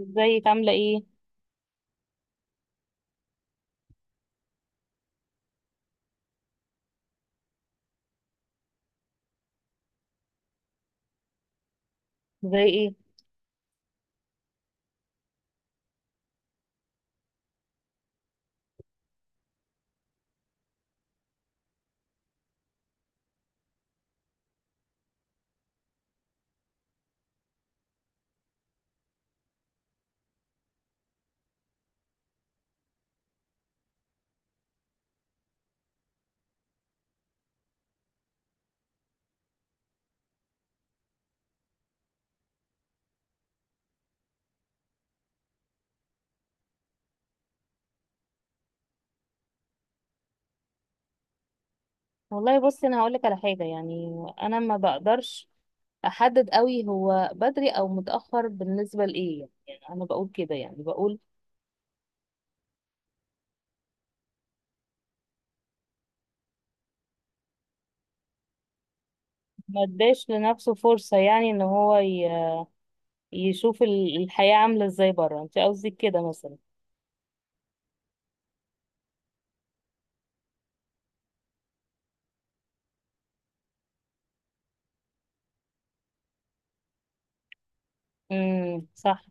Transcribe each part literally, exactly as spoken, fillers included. ازيك عاملة ايه؟ زي ايه؟ والله بصي، انا هقولك على حاجة يعني. انا ما بقدرش احدد قوي هو بدري او متأخر بالنسبة لايه، يعني انا بقول كده، يعني بقول ما اداش لنفسه فرصة، يعني ان هو ي- يشوف ال- الحياة عاملة ازاي بره. انت قصدك كده مثلا؟ امم صح.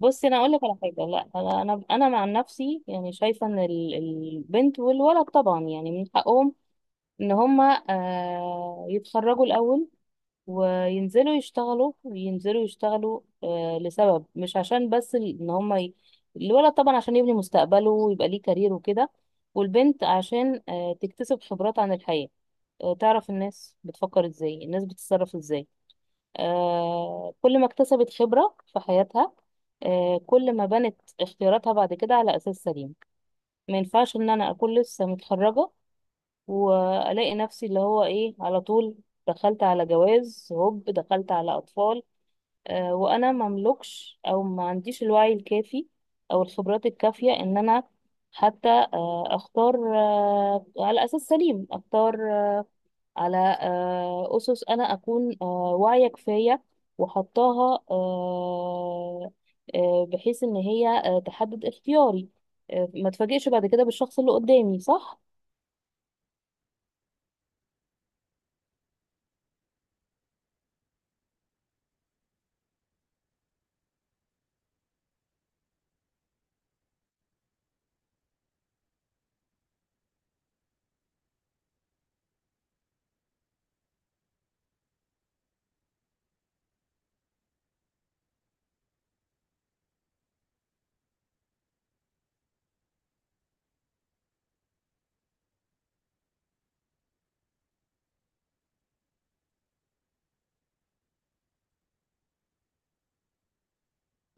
بصي انا اقولك على حاجة، لا، انا انا انا مع نفسي يعني شايفة ان ال- البنت والولد طبعا يعني من حقهم ان هما آه، يتخرجوا الاول وينزلوا يشتغلوا، ينزلوا يشتغلوا آه، لسبب، مش عشان بس ال- ان هم ي... الولد طبعا عشان يبني مستقبله ويبقى ليه كارير وكده، والبنت عشان آه، تكتسب خبرات عن الحياة، آه، تعرف الناس بتفكر ازاي، الناس بتتصرف ازاي. آه، كل ما اكتسبت خبرة في حياتها آه، كل ما بنت اختياراتها بعد كده على أساس سليم. ما ينفعش ان انا اكون لسه متخرجة والاقي نفسي اللي هو ايه، على طول دخلت على جواز، هوب دخلت على اطفال، آه، وانا مملكش او ما عنديش الوعي الكافي او الخبرات الكافيه ان انا حتى آه، اختار آه، على اساس سليم، اختار آه، على آه، اسس انا اكون آه، واعيه كفايه وحطاها، آه، آه، بحيث ان هي آه، تحدد اختياري، آه، ما تفاجئش بعد كده بالشخص اللي قدامي. صح،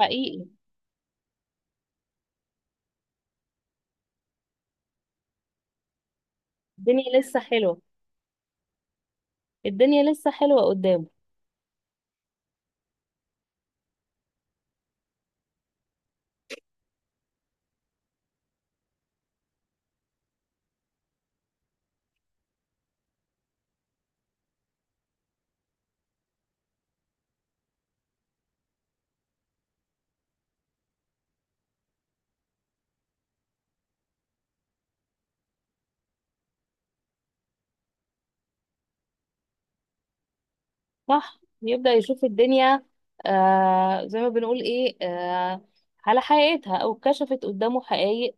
حقيقي. الدنيا لسه حلوه. الدنيا لسه حلوه قدامه. صح، يبدأ يشوف الدنيا آه، زي ما بنقول ايه، آه، على حقيقتها، او كشفت قدامه حقائق.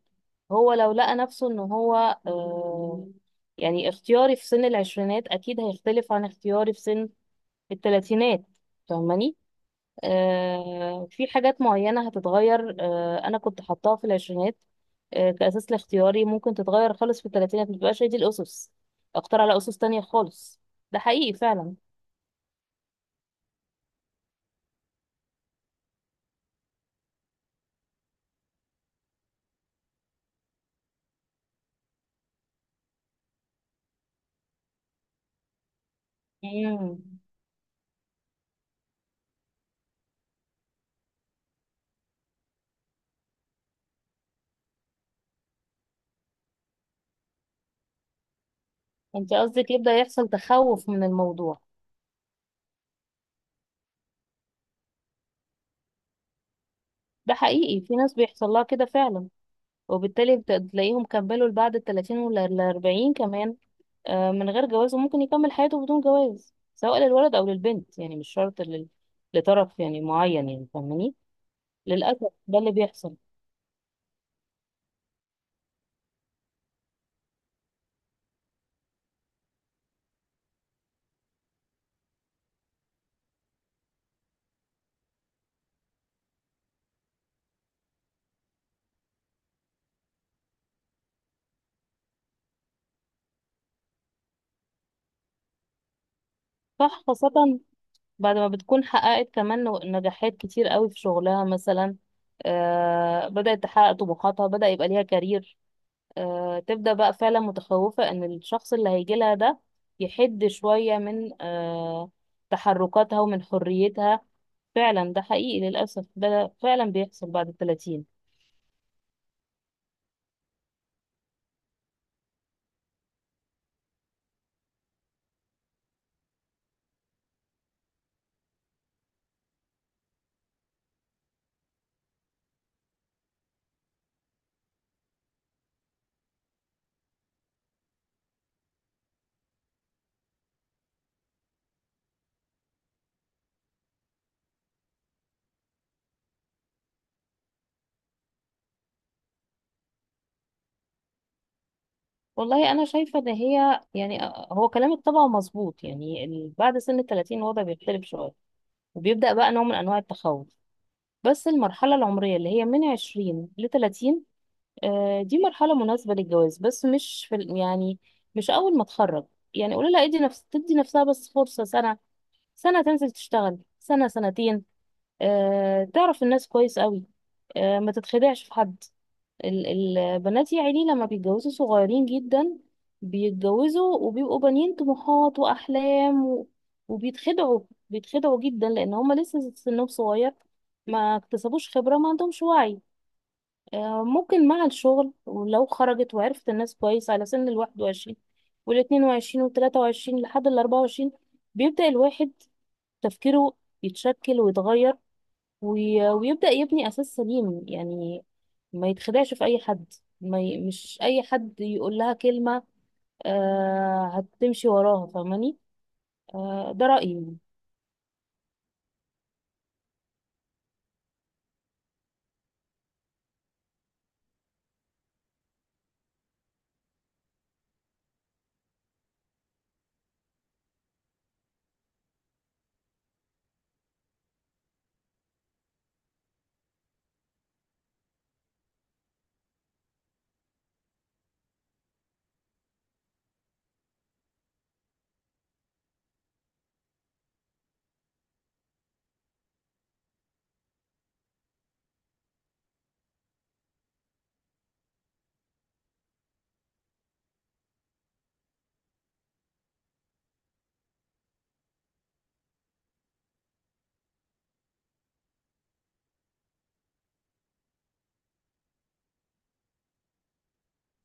هو لو لقى نفسه ان هو آه، يعني اختياري في سن العشرينات اكيد هيختلف عن اختياري في سن التلاتينات. فاهماني؟ آه، في حاجات معينة هتتغير، آه، انا كنت حطاها في العشرينات آه، كأساس لاختياري، ممكن تتغير خالص في التلاتينات، متبقاش هي دي الأسس. اختار على أسس تانية خالص. ده حقيقي فعلا. مم. انت قصدك يبدأ يحصل تخوف من الموضوع؟ ده حقيقي، في ناس بيحصل لها كده فعلا، وبالتالي بت- تلاقيهم كملوا بعد التلاتين ولا الأربعين كمان، آه، من غير جواز، وممكن يكمل حياته بدون جواز سواء للولد أو للبنت، يعني مش شرط لل... لطرف يعني معين. يعني فاهماني؟ للأسف ده اللي بيحصل. صح، خاصة بعد ما بتكون حققت كمان نو- نجاحات كتير قوي في شغلها مثلا، آه بدأت تحقق طموحاتها، بدأ يبقى ليها كارير، آه، تبدأ بقى فعلا متخوفة ان الشخص اللي هيجي لها ده يحد شوية من آه، تحركاتها ومن حريتها. فعلا ده حقيقي، للأسف ده فعلا بيحصل بعد التلاتين. والله أنا شايفة إن هي يعني آه، هو كلامك طبعا مظبوط، يعني ال- بعد سن التلاتين الوضع بيختلف شوية، وبيبدأ بقى نوع من أنواع التخوف. بس المرحلة العمرية اللي هي من عشرين لتلاتين آه، دي مرحلة مناسبة للجواز، بس مش في ال- يعني مش أول ما تخرج. يعني قولي لها ادي نفس تدي نفسها بس فرصة سنة، سنة تنزل تشتغل، سنة سنتين، آه، تعرف الناس كويس قوي، آه، ما تتخدعش في حد. ال- البنات يا عيني لما بيتجوزوا صغيرين جدا، بيتجوزوا وبيبقوا بانيين طموحات وأحلام و... وبيتخدعوا، بيتخدعوا جدا لأن هما لسه سنهم صغير، ما اكتسبوش خبرة، ما عندهمش وعي. آه، ممكن مع الشغل ولو خرجت وعرفت الناس كويس، على سن الواحد وعشرين والاتنين وعشرين والتلاتة وعشرين لحد الأربعة وعشرين بيبدأ الواحد تفكيره يتشكل ويتغير، وي- ويبدأ يبني أساس سليم يعني، ما يتخدعش في أي حد، ما ي... مش أي حد يقول لها كلمة آه هتمشي وراها. فاهماني؟ آه، ده رأيي يعني.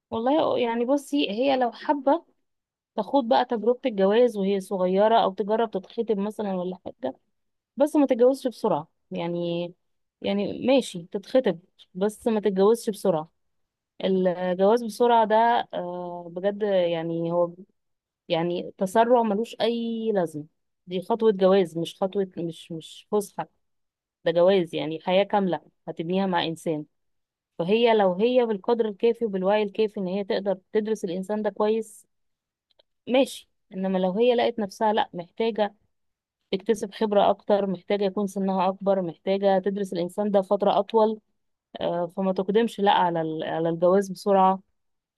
والله يعني بصي، هي لو حابة تاخد بقى تجربة الجواز وهي صغيرة، أو تجرب تتخطب مثلا ولا حاجة، بس ما تتجوزش بسرعة يعني. يعني ماشي، تتخطب بس ما تتجوزش بسرعة. الجواز بسرعة ده آه، بجد يعني هو يعني تسرع ملوش أي لازمة. دي خطوة جواز، مش خطوة، مش مش فسحة، ده جواز يعني حياة كاملة هتبنيها مع إنسان. فهي لو هي بالقدر الكافي وبالوعي الكافي إن هي تقدر تدرس الإنسان ده كويس ماشي، إنما لو هي لقت نفسها لأ محتاجة تكتسب خبرة أكتر، محتاجة يكون سنها أكبر، محتاجة تدرس الإنسان ده فترة أطول، آه، فما تقدمش لا على ال- على الجواز بسرعة،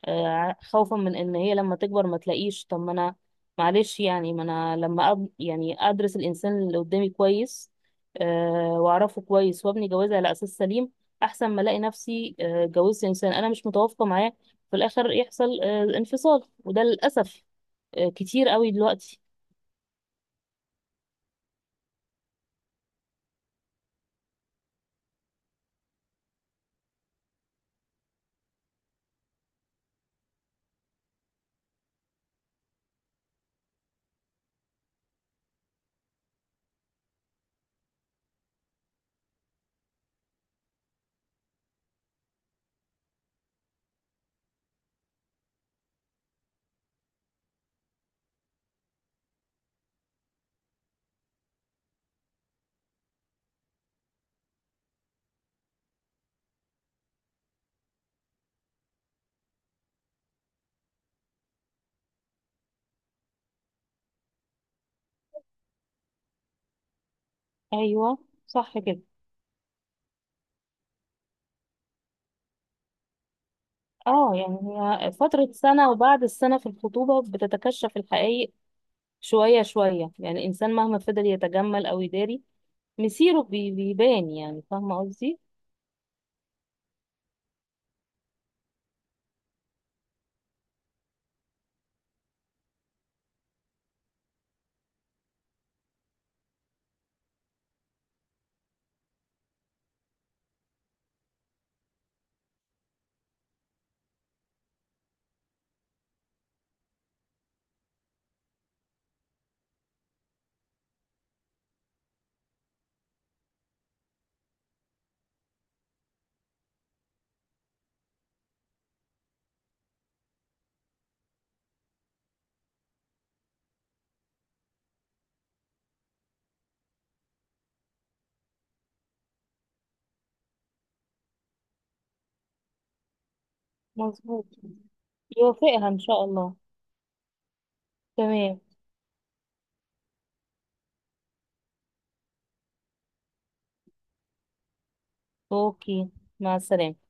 آه، خوفا من إن هي لما تكبر ما تلاقيش. طب ما أنا معلش يعني ما أنا لما أب- يعني أدرس الإنسان اللي قدامي كويس، آه، وأعرفه كويس وأبني جوازي على أساس سليم أحسن ما ألاقي نفسي آه، اتجوزت إنسان أنا مش متوافقة معاه، في الآخر يحصل آه، انفصال، وده للأسف آه، كتير قوي دلوقتي. أيوه صح كده. اه يعني هي فترة سنة وبعد السنة في الخطوبة بتتكشف الحقائق شوية شوية يعني، الإنسان مهما فضل يتجمل أو يداري مصيره بي- بيبان، يعني فاهمة قصدي؟ مظبوط، يوافقها إن شاء الله. تمام، أوكي، مع السلامة.